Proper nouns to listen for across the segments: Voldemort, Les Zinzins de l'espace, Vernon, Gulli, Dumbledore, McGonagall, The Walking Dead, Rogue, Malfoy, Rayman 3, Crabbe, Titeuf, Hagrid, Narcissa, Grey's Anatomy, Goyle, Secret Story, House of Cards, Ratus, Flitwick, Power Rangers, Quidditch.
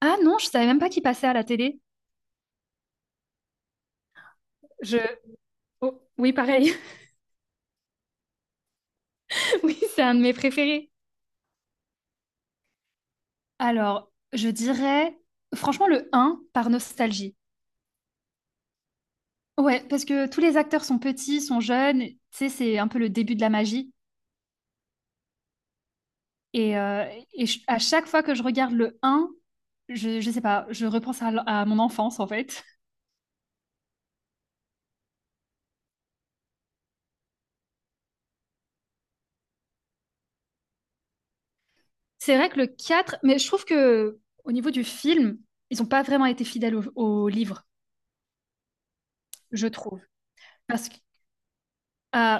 Ah non, je savais même pas qu'il passait à la télé. Je... oh, oui, pareil. Oui, c'est un de mes préférés. Alors, je dirais franchement le un par nostalgie. Ouais, parce que tous les acteurs sont petits, sont jeunes, tu sais, c'est un peu le début de la magie. Et, euh, et à chaque fois que je regarde le un, je sais pas, je repense à mon enfance en fait. C'est vrai que le 4, mais je trouve que au niveau du film, ils ont pas vraiment été fidèles au livre, je trouve. Parce que Euh,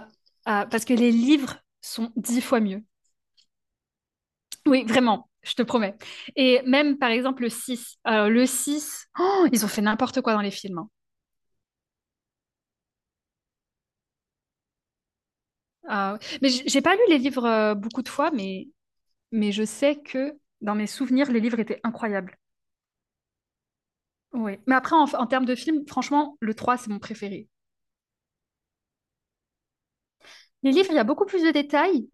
parce que les livres sont 10 fois mieux. Oui, vraiment, je te promets. Et même, par exemple, le 6. Le 6, oh, ils ont fait n'importe quoi dans les films, hein. Mais j'ai pas lu les livres beaucoup de fois, mais je sais que dans mes souvenirs, les livres étaient incroyables. Oui. Mais après, en termes de films, franchement, le 3 c'est mon préféré. Les livres, il y a beaucoup plus de détails,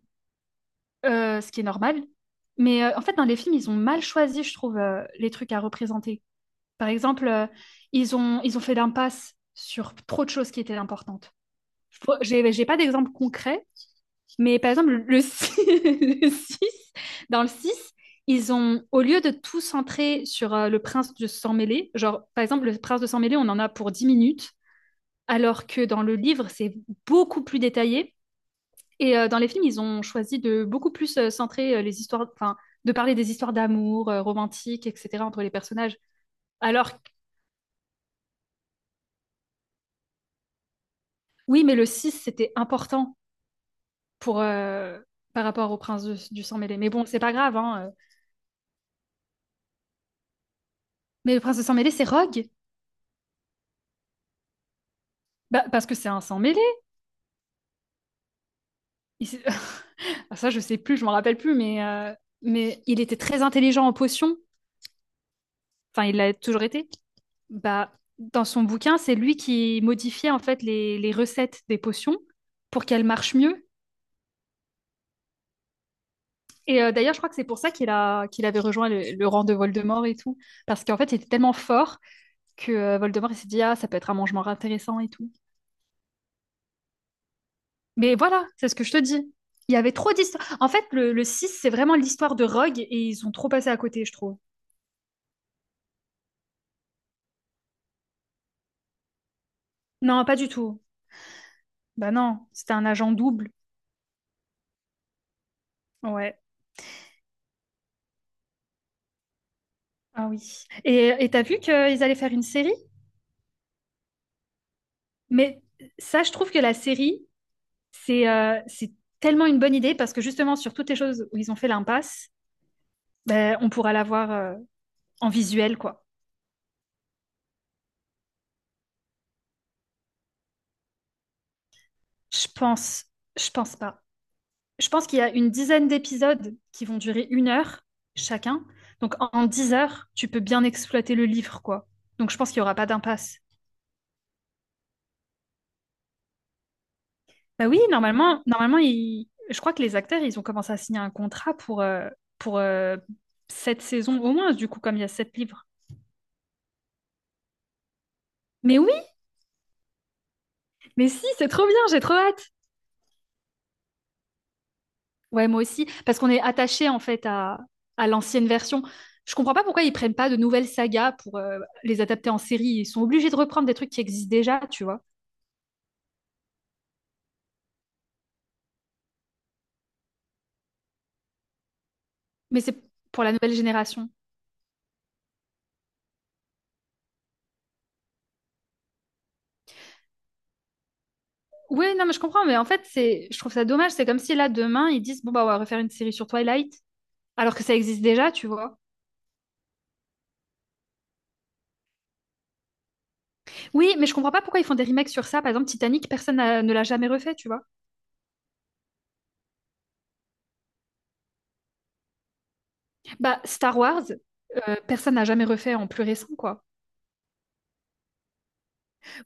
ce qui est normal. Mais en fait, dans les films, ils ont mal choisi, je trouve, les trucs à représenter. Par exemple, ils ont fait l'impasse sur trop de choses qui étaient importantes. J'ai pas d'exemple concret, mais par exemple, le 6 le 6, dans le 6, ils ont, au lieu de tout centrer sur le prince de sang mêlé, genre, par exemple, le prince de sang mêlé, on en a pour 10 minutes, alors que dans le livre, c'est beaucoup plus détaillé. Et dans les films, ils ont choisi de beaucoup plus centrer les histoires, enfin, de parler des histoires d'amour, romantiques, etc., entre les personnages. Alors, oui, mais le 6 c'était important pour, euh, par rapport au prince du sang mêlé. Mais bon, c'est pas grave, hein. Mais le prince du sang mêlé, c'est Rogue. Bah, parce que c'est un sang mêlé. Il s'est- Ah, ça, je sais plus, je m'en rappelle plus. Mais il était très intelligent en potions. Enfin, il l'a toujours été. Bah, dans son bouquin, c'est lui qui modifiait en fait les recettes des potions pour qu'elles marchent mieux. Et d'ailleurs, je crois que c'est pour ça qu'il avait rejoint le rang de Voldemort et tout. Parce qu'en fait, il était tellement fort que Voldemort, il s'est dit, ah, ça peut être un mangement intéressant et tout. Mais voilà, c'est ce que je te dis. Il y avait trop d'histoires. En fait, le 6, c'est vraiment l'histoire de Rogue et ils ont trop passé à côté, je trouve. Non, pas du tout. Bah non, c'était un agent double. Ouais. Ah oui. Et t'as vu qu'ils allaient faire une série? Mais ça, je trouve que la série, c'est tellement une bonne idée parce que justement, sur toutes les choses où ils ont fait l'impasse, ben, on pourra la voir en visuel, quoi. Je pense. Je pense pas. Je pense qu'il y a une dizaine d'épisodes qui vont durer 1 heure chacun. Donc, en 10 heures, tu peux bien exploiter le livre, quoi. Donc je pense qu'il n'y aura pas d'impasse. Bah oui, normalement je crois que les acteurs, ils ont commencé à signer un contrat pour sept saisons au moins, du coup, comme il y a sept livres. Mais oui, mais si, c'est trop bien, j'ai trop hâte. Ouais, moi aussi, parce qu'on est attaché en fait à l'ancienne version. Je comprends pas pourquoi ils prennent pas de nouvelles sagas pour les adapter en série. Ils sont obligés de reprendre des trucs qui existent déjà, tu vois. Mais c'est pour la nouvelle génération. Oui, non, mais je comprends, mais en fait, je trouve ça dommage. C'est comme si là, demain, ils disent, bon, bah, on va refaire une série sur Twilight, alors que ça existe déjà, tu vois. Oui, mais je comprends pas pourquoi ils font des remakes sur ça. Par exemple, Titanic, personne ne l'a jamais refait, tu vois. Bah, Star Wars, personne n'a jamais refait en plus récent, quoi.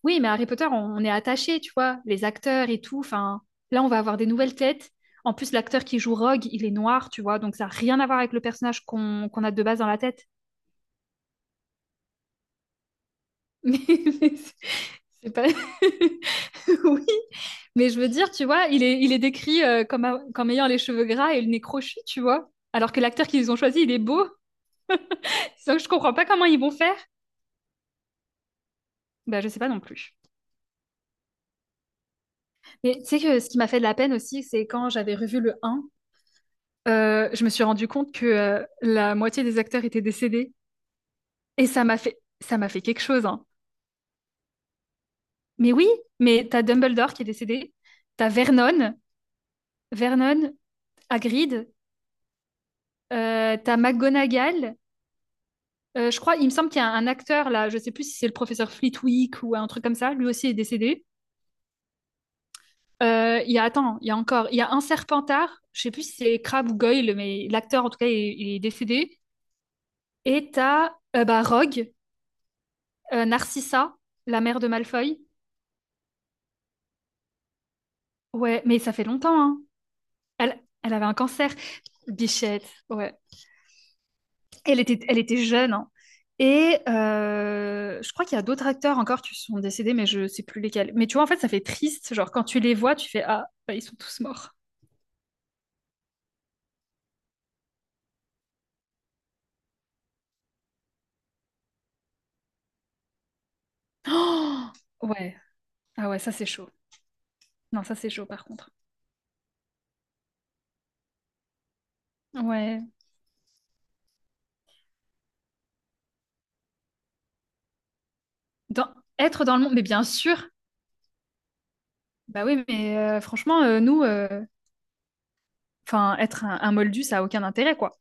Oui, mais Harry Potter, on est attaché, tu vois, les acteurs et tout. Enfin, là, on va avoir des nouvelles têtes. En plus, l'acteur qui joue Rogue, il est noir, tu vois, donc ça n'a rien à voir avec le personnage qu'on a de base dans la tête. Mais, mais c'est pas... Oui, mais je veux dire, tu vois, il est décrit comme ayant les cheveux gras et le nez crochu, tu vois. Alors que l'acteur qu'ils ont choisi, il est beau. Donc je comprends pas comment ils vont faire. Ben, je sais pas non plus. Mais tu sais que ce qui m'a fait de la peine aussi, c'est quand j'avais revu le un, je me suis rendu compte que la moitié des acteurs étaient décédés. Et ça m'a fait quelque chose, hein. Mais oui, mais t'as Dumbledore qui est décédé, t'as Vernon, Vernon, Hagrid, t'as McGonagall. Je crois, il me semble qu'il y a un acteur là, je sais plus si c'est le professeur Flitwick ou un truc comme ça, lui aussi est décédé. Il y a, attends, il y a encore, il y a un Serpentard, je sais plus si c'est Crabbe ou Goyle, mais l'acteur en tout cas il est décédé. Et t'as bah, Rogue, Narcissa, la mère de Malfoy. Ouais, mais ça fait longtemps, hein. Elle, elle avait un cancer. Bichette, ouais. Elle était jeune, hein. Et je crois qu'il y a d'autres acteurs encore qui sont décédés, mais je sais plus lesquels. Mais tu vois, en fait, ça fait triste. Genre, quand tu les vois, tu fais ah, bah, ils sont tous morts. Oh, ouais. Ah ouais, ça c'est chaud. Non, ça c'est chaud par contre. Ouais. Dans- être dans le monde, mais bien sûr. Bah oui, mais franchement, nous, enfin, être un moldu, ça a aucun intérêt, quoi.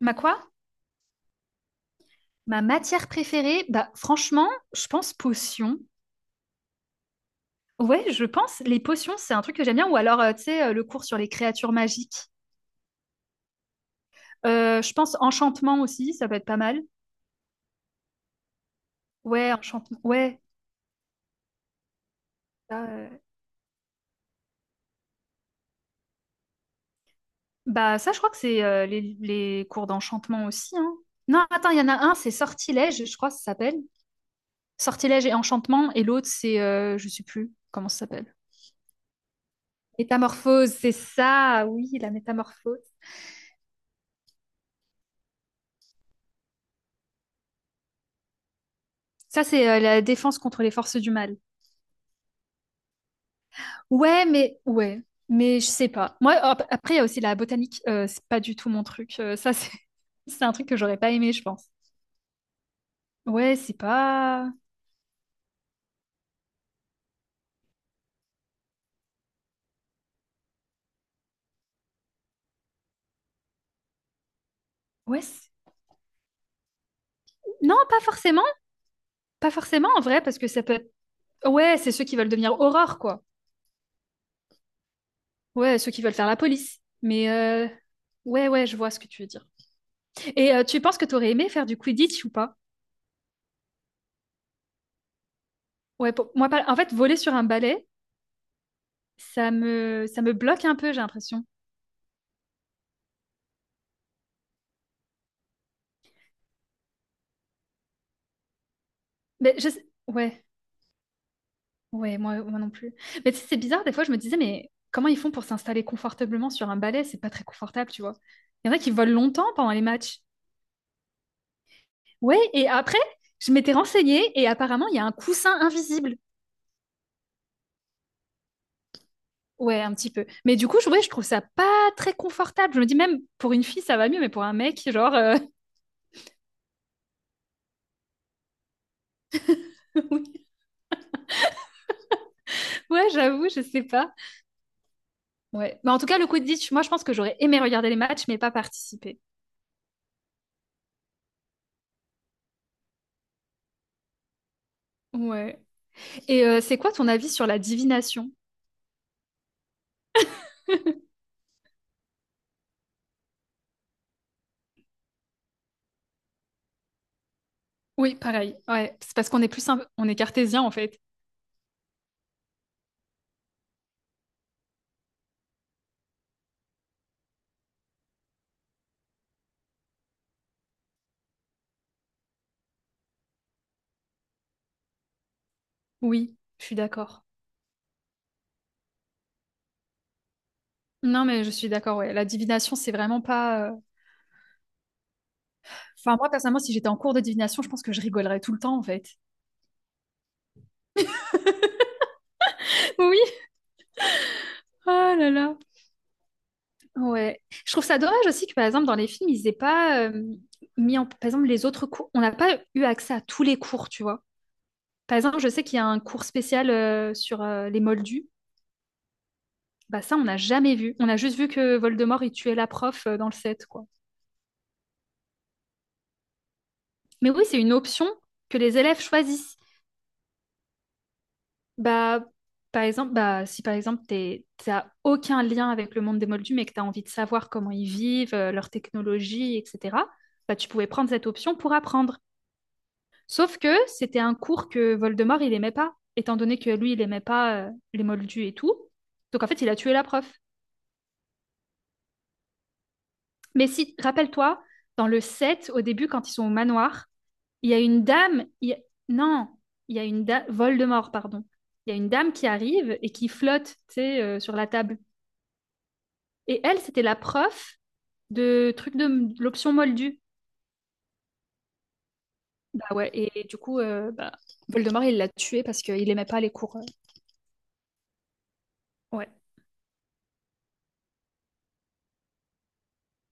Ma quoi? Ma matière préférée, bah franchement, je pense potion. Ouais, je pense. Les potions, c'est un truc que j'aime bien. Ou alors, tu sais, le cours sur les créatures magiques. Je pense enchantement aussi, ça peut être pas mal. Ouais, enchantement. Ouais. ça, euh, Bah, ça, je crois que c'est les cours d'enchantement aussi, hein. Non, attends, il y en a un, c'est sortilège, je crois que ça s'appelle. Sortilège et enchantement. Et l'autre, je sais plus comment ça s'appelle. Métamorphose, c'est ça. Oui, la métamorphose. Ça, c'est la défense contre les forces du mal. Ouais, mais je sais pas. Moi, après, il y a aussi la botanique. C'est pas du tout mon truc. Ça, c'est c'est un truc que j'aurais pas aimé, je pense. Ouais, c'est pas. Ouais. Non, pas forcément. Pas forcément en vrai, parce que ça peut être. Ouais, c'est ceux qui veulent devenir horreur, quoi. Ouais, ceux qui veulent faire la police. Mais ouais, ouais, je vois ce que tu veux dire. Et tu penses que t'aurais aimé faire du Quidditch ou pas? Ouais, moi, pas, en fait, voler sur un balai, ça me bloque un peu, j'ai l'impression. Ouais. Ouais, moi, moi non plus. Mais tu sais, c'est bizarre, des fois, je me disais, mais comment ils font pour s'installer confortablement sur un balai? C'est pas très confortable, tu vois. Il y en a qui volent longtemps pendant les matchs. Ouais, et après, je m'étais renseignée et apparemment, il y a un coussin invisible. Ouais, un petit peu. Mais du coup, ouais, je trouve ça pas très confortable. Je me dis même, pour une fille, ça va mieux, mais pour un mec, genre, oui. Ouais, j'avoue, je sais pas. Ouais. Mais en tout cas, le Quidditch, moi, je pense que j'aurais aimé regarder les matchs, mais pas participer. Ouais. Et c'est quoi ton avis sur la divination? Oui, pareil. Ouais, c'est parce qu'on est plus on est cartésien en fait. Oui, je suis d'accord. Non, mais je suis d'accord, ouais. La divination, c'est vraiment pas. Enfin, moi, personnellement, si j'étais en cours de divination, je pense que je rigolerais tout le temps, en fait. Oui, oh là là. Ouais. Je trouve ça dommage aussi que, par exemple, dans les films, ils aient pas mis en. Par exemple, les autres cours. On n'a pas eu accès à tous les cours, tu vois. Par exemple, je sais qu'il y a un cours spécial sur les moldus. Bah ça, on n'a jamais vu. On a juste vu que Voldemort, il tuait la prof dans le set, quoi. Mais oui, c'est une option que les élèves choisissent. Bah, par exemple, bah, si par exemple, t'as aucun lien avec le monde des moldus, mais que tu as envie de savoir comment ils vivent, leur technologie, etc., bah, tu pouvais prendre cette option pour apprendre. Sauf que c'était un cours que Voldemort, il aimait pas, étant donné que lui, il aimait pas les moldus et tout. Donc en fait, il a tué la prof. Mais si, rappelle-toi, dans le 7, au début, quand ils sont au manoir, il y a une dame. Non, il y a une dame. Voldemort, pardon. Il y a une dame qui arrive et qui flotte, tu sais, sur la table. Et elle, c'était la prof de truc de l'option Moldu. Bah ouais, et du coup, bah, Voldemort, il l'a tuée parce qu'il aimait pas les cours. Ouais.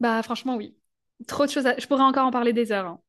Bah franchement, oui. Trop de choses Je pourrais encore en parler des heures, hein.